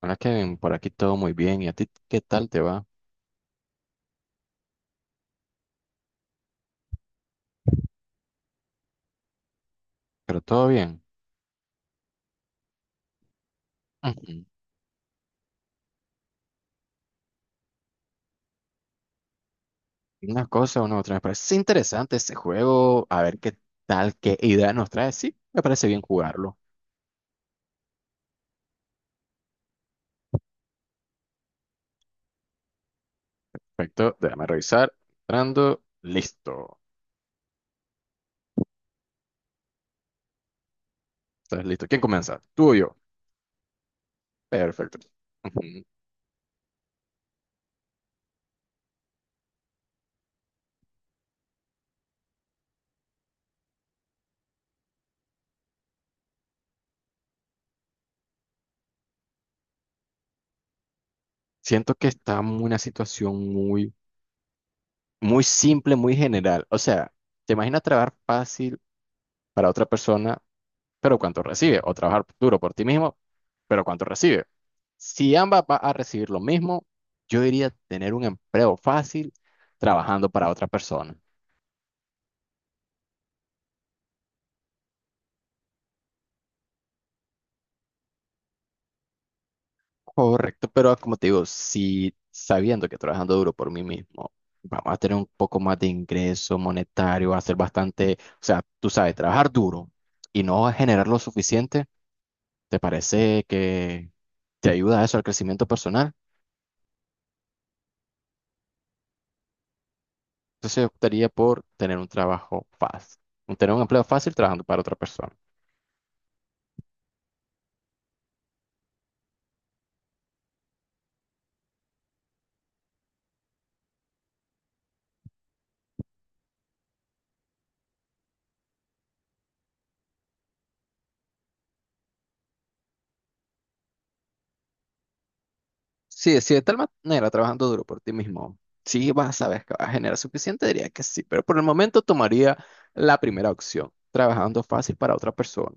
Hola Kevin, por aquí todo muy bien. ¿Y a ti qué tal te va? Pero todo bien. Ujú. Una cosa, una otra. Me parece interesante este juego. A ver qué tal, qué idea nos trae. Sí, me parece bien jugarlo. Perfecto, déjame revisar. Entrando, listo. ¿Estás listo? ¿Quién comienza? ¿Tú o yo? Perfecto. Ujú. Siento que está en una situación muy simple, muy general. O sea, ¿te imaginas trabajar fácil para otra persona? Pero cuánto recibe, o trabajar duro por ti mismo, pero cuánto recibe. Si ambas va a recibir lo mismo, yo diría tener un empleo fácil trabajando para otra persona. Correcto, pero como te digo, si sabiendo que trabajando duro por mí mismo, vamos a tener un poco más de ingreso monetario, va a ser bastante, o sea, tú sabes, trabajar duro y no generar lo suficiente, ¿te parece que te ayuda eso al crecimiento personal? Entonces yo optaría por tener un trabajo fácil, tener un empleo fácil trabajando para otra persona. Sí, si de tal manera trabajando duro por ti mismo, sí vas a saber que vas a generar suficiente, diría que sí, pero por el momento tomaría la primera opción, trabajando fácil para otra persona.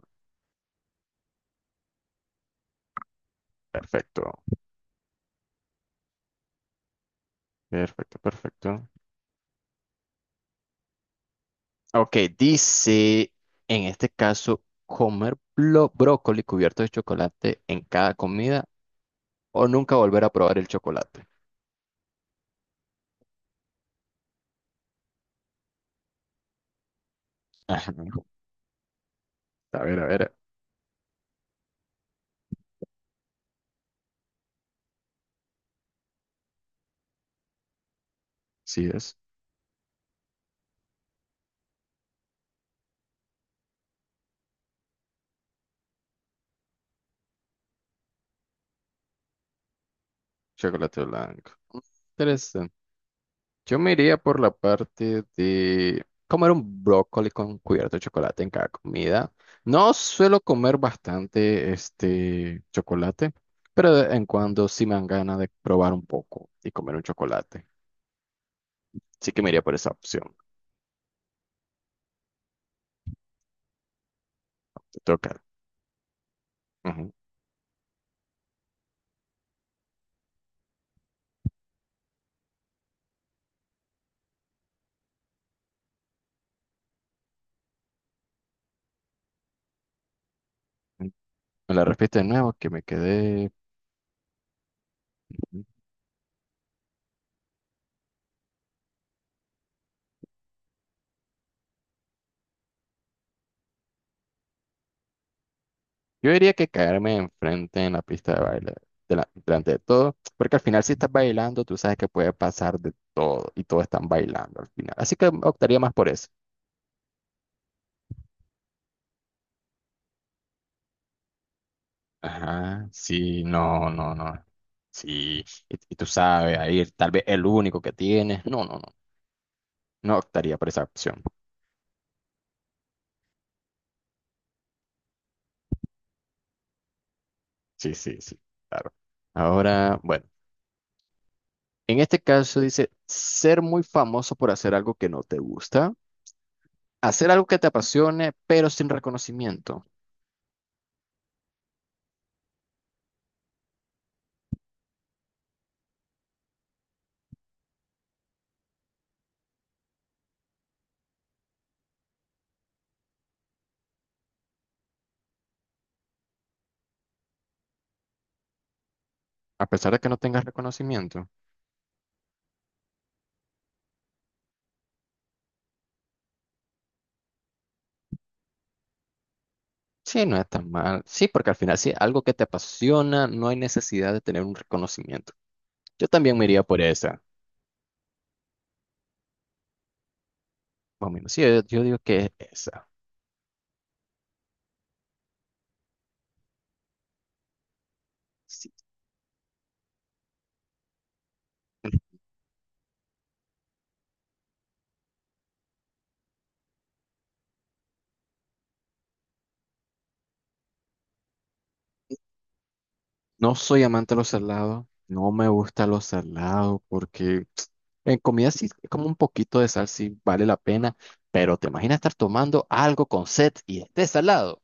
Perfecto, perfecto, perfecto. Ok, dice, en este caso, comer brócoli cubierto de chocolate en cada comida o nunca volver a probar el chocolate. Ajá. A ver, a ver. Sí es chocolate blanco. Interesante. Yo me iría por la parte de comer un brócoli con cubierto de chocolate en cada comida. No suelo comer bastante este chocolate, pero de vez en cuando sí me dan ganas de probar un poco y comer un chocolate. Así que me iría por esa opción. ¿No? Te toca. Ujú. Me la repite de nuevo que me quedé. Yo diría que caerme enfrente en la pista de baile, delante de todo, porque al final si estás bailando, tú sabes que puede pasar de todo y todos están bailando al final. Así que optaría más por eso. Ajá, sí, no, no, no. Sí, y tú sabes, ahí tal vez el único que tienes. No, no, no. No optaría por esa opción. Sí, sí, sí, claro. Ahora, bueno, en este caso dice ser muy famoso por hacer algo que no te gusta, hacer algo que te apasione, pero sin reconocimiento. A pesar de que no tengas reconocimiento. Sí, no es tan mal. Sí, porque al final, si es algo que te apasiona, no hay necesidad de tener un reconocimiento. Yo también me iría por esa. Más o menos. Sí, yo digo que es esa. Sí. No soy amante de los salados. No me gusta los salados porque en comida sí, como un poquito de sal sí vale la pena. Pero te imaginas estar tomando algo con set y esté salado.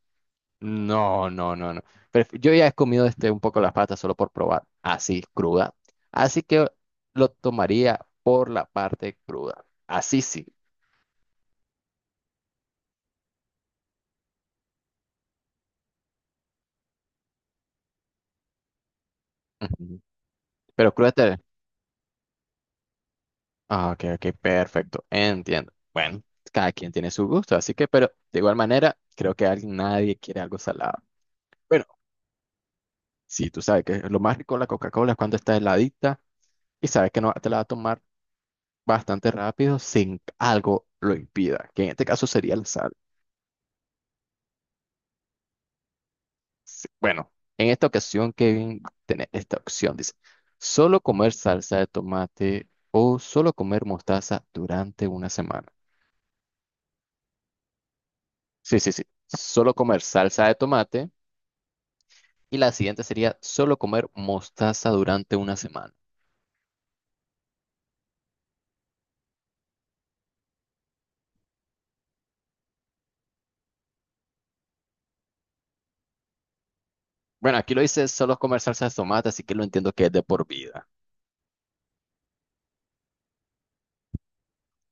No, no, no, no. Yo ya he comido este un poco las patas solo por probar, así cruda. Así que lo tomaría por la parte cruda. Así sí. Ujú. Pero cruda te... Ah, ok, ok, perfecto. Entiendo. Bueno, cada quien tiene su gusto, así que, pero de igual manera, creo que alguien, nadie quiere algo salado. Bueno, sí, tú sabes que lo más rico de la Coca-Cola es cuando está heladita y sabes que no te la va a tomar bastante rápido sin que algo lo impida, que en este caso sería la sal. Sí, bueno, en esta ocasión, Kevin, tenés esta opción. Dice, solo comer salsa de tomate o solo comer mostaza durante una semana. Sí, sí, sí. Solo comer salsa de tomate. Y la siguiente sería solo comer mostaza durante una semana. Bueno, aquí lo dice solo comer salsa de tomate, así que lo entiendo que es de por vida.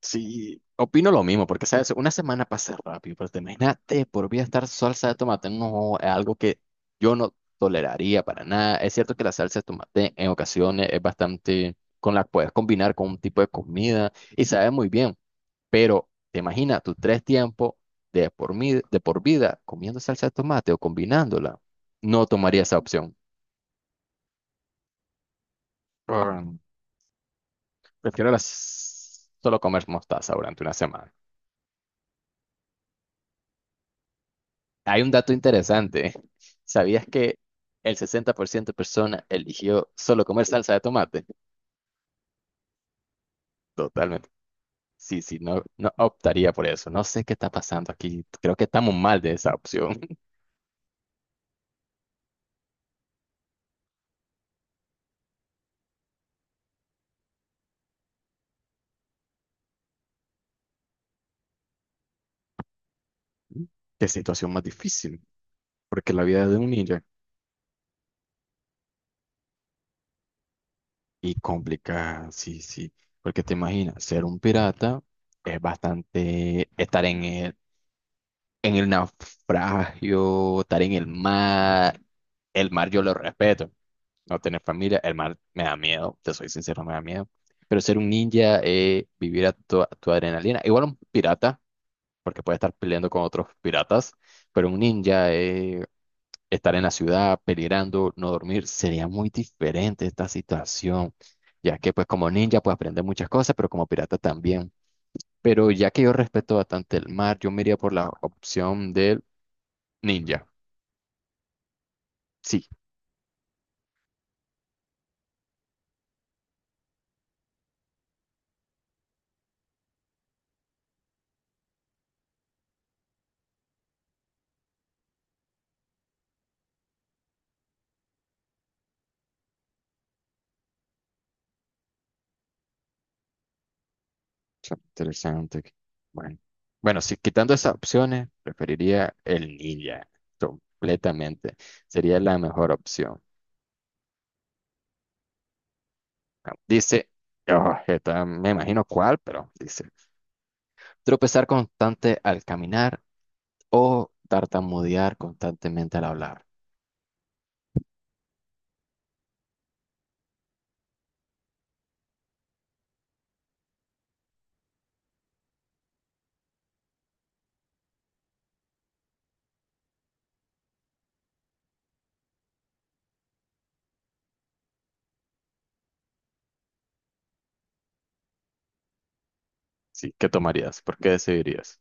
Sí, opino lo mismo, porque sabes, una semana pasa rápido, pero te imagínate por vida estar salsa de tomate, no, es algo que yo no toleraría para nada. Es cierto que la salsa de tomate en ocasiones es bastante, con la puedes combinar con un tipo de comida y sabe muy bien, pero te imaginas tus tres tiempos de por vida comiendo salsa de tomate o combinándola, no tomaría esa opción. Mm, prefiero solo comer mostaza durante una semana. Hay un dato interesante. ¿Sabías que el 60% de personas eligió solo comer salsa de tomate? Totalmente. Sí, sí, no, no optaría por eso. No sé qué está pasando aquí. Creo que estamos mal de esa opción. Qué situación más difícil, porque la vida de un ninja y complicada, sí, sí, porque te imaginas, ser un pirata es bastante estar en el naufragio, estar en el mar yo lo respeto, no tener familia, el mar me da miedo, te soy sincero, me da miedo. Pero ser un ninja, vivir a tu adrenalina, igual un pirata, porque puede estar peleando con otros piratas, pero un ninja, estar en la ciudad, peligrando, no dormir, sería muy diferente esta situación, ya que pues como ninja puedes aprender muchas cosas, pero como pirata también. Pero ya que yo respeto bastante el mar, yo me iría por la opción del ninja. Sí. Está interesante. Bueno, bueno, si quitando esas opciones, preferiría el ninja completamente. Sería la mejor opción. Bueno, dice, oh, esta me imagino cuál, pero dice, tropezar constante al caminar o tartamudear constantemente al hablar. Sí, ¿qué tomarías? ¿Por qué decidirías?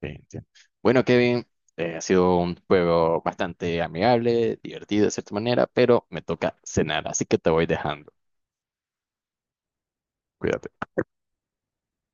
Sí, entiendo. Bueno, Kevin, ha sido un juego bastante amigable, divertido de cierta manera, pero me toca cenar, así que te voy dejando. Cuídate.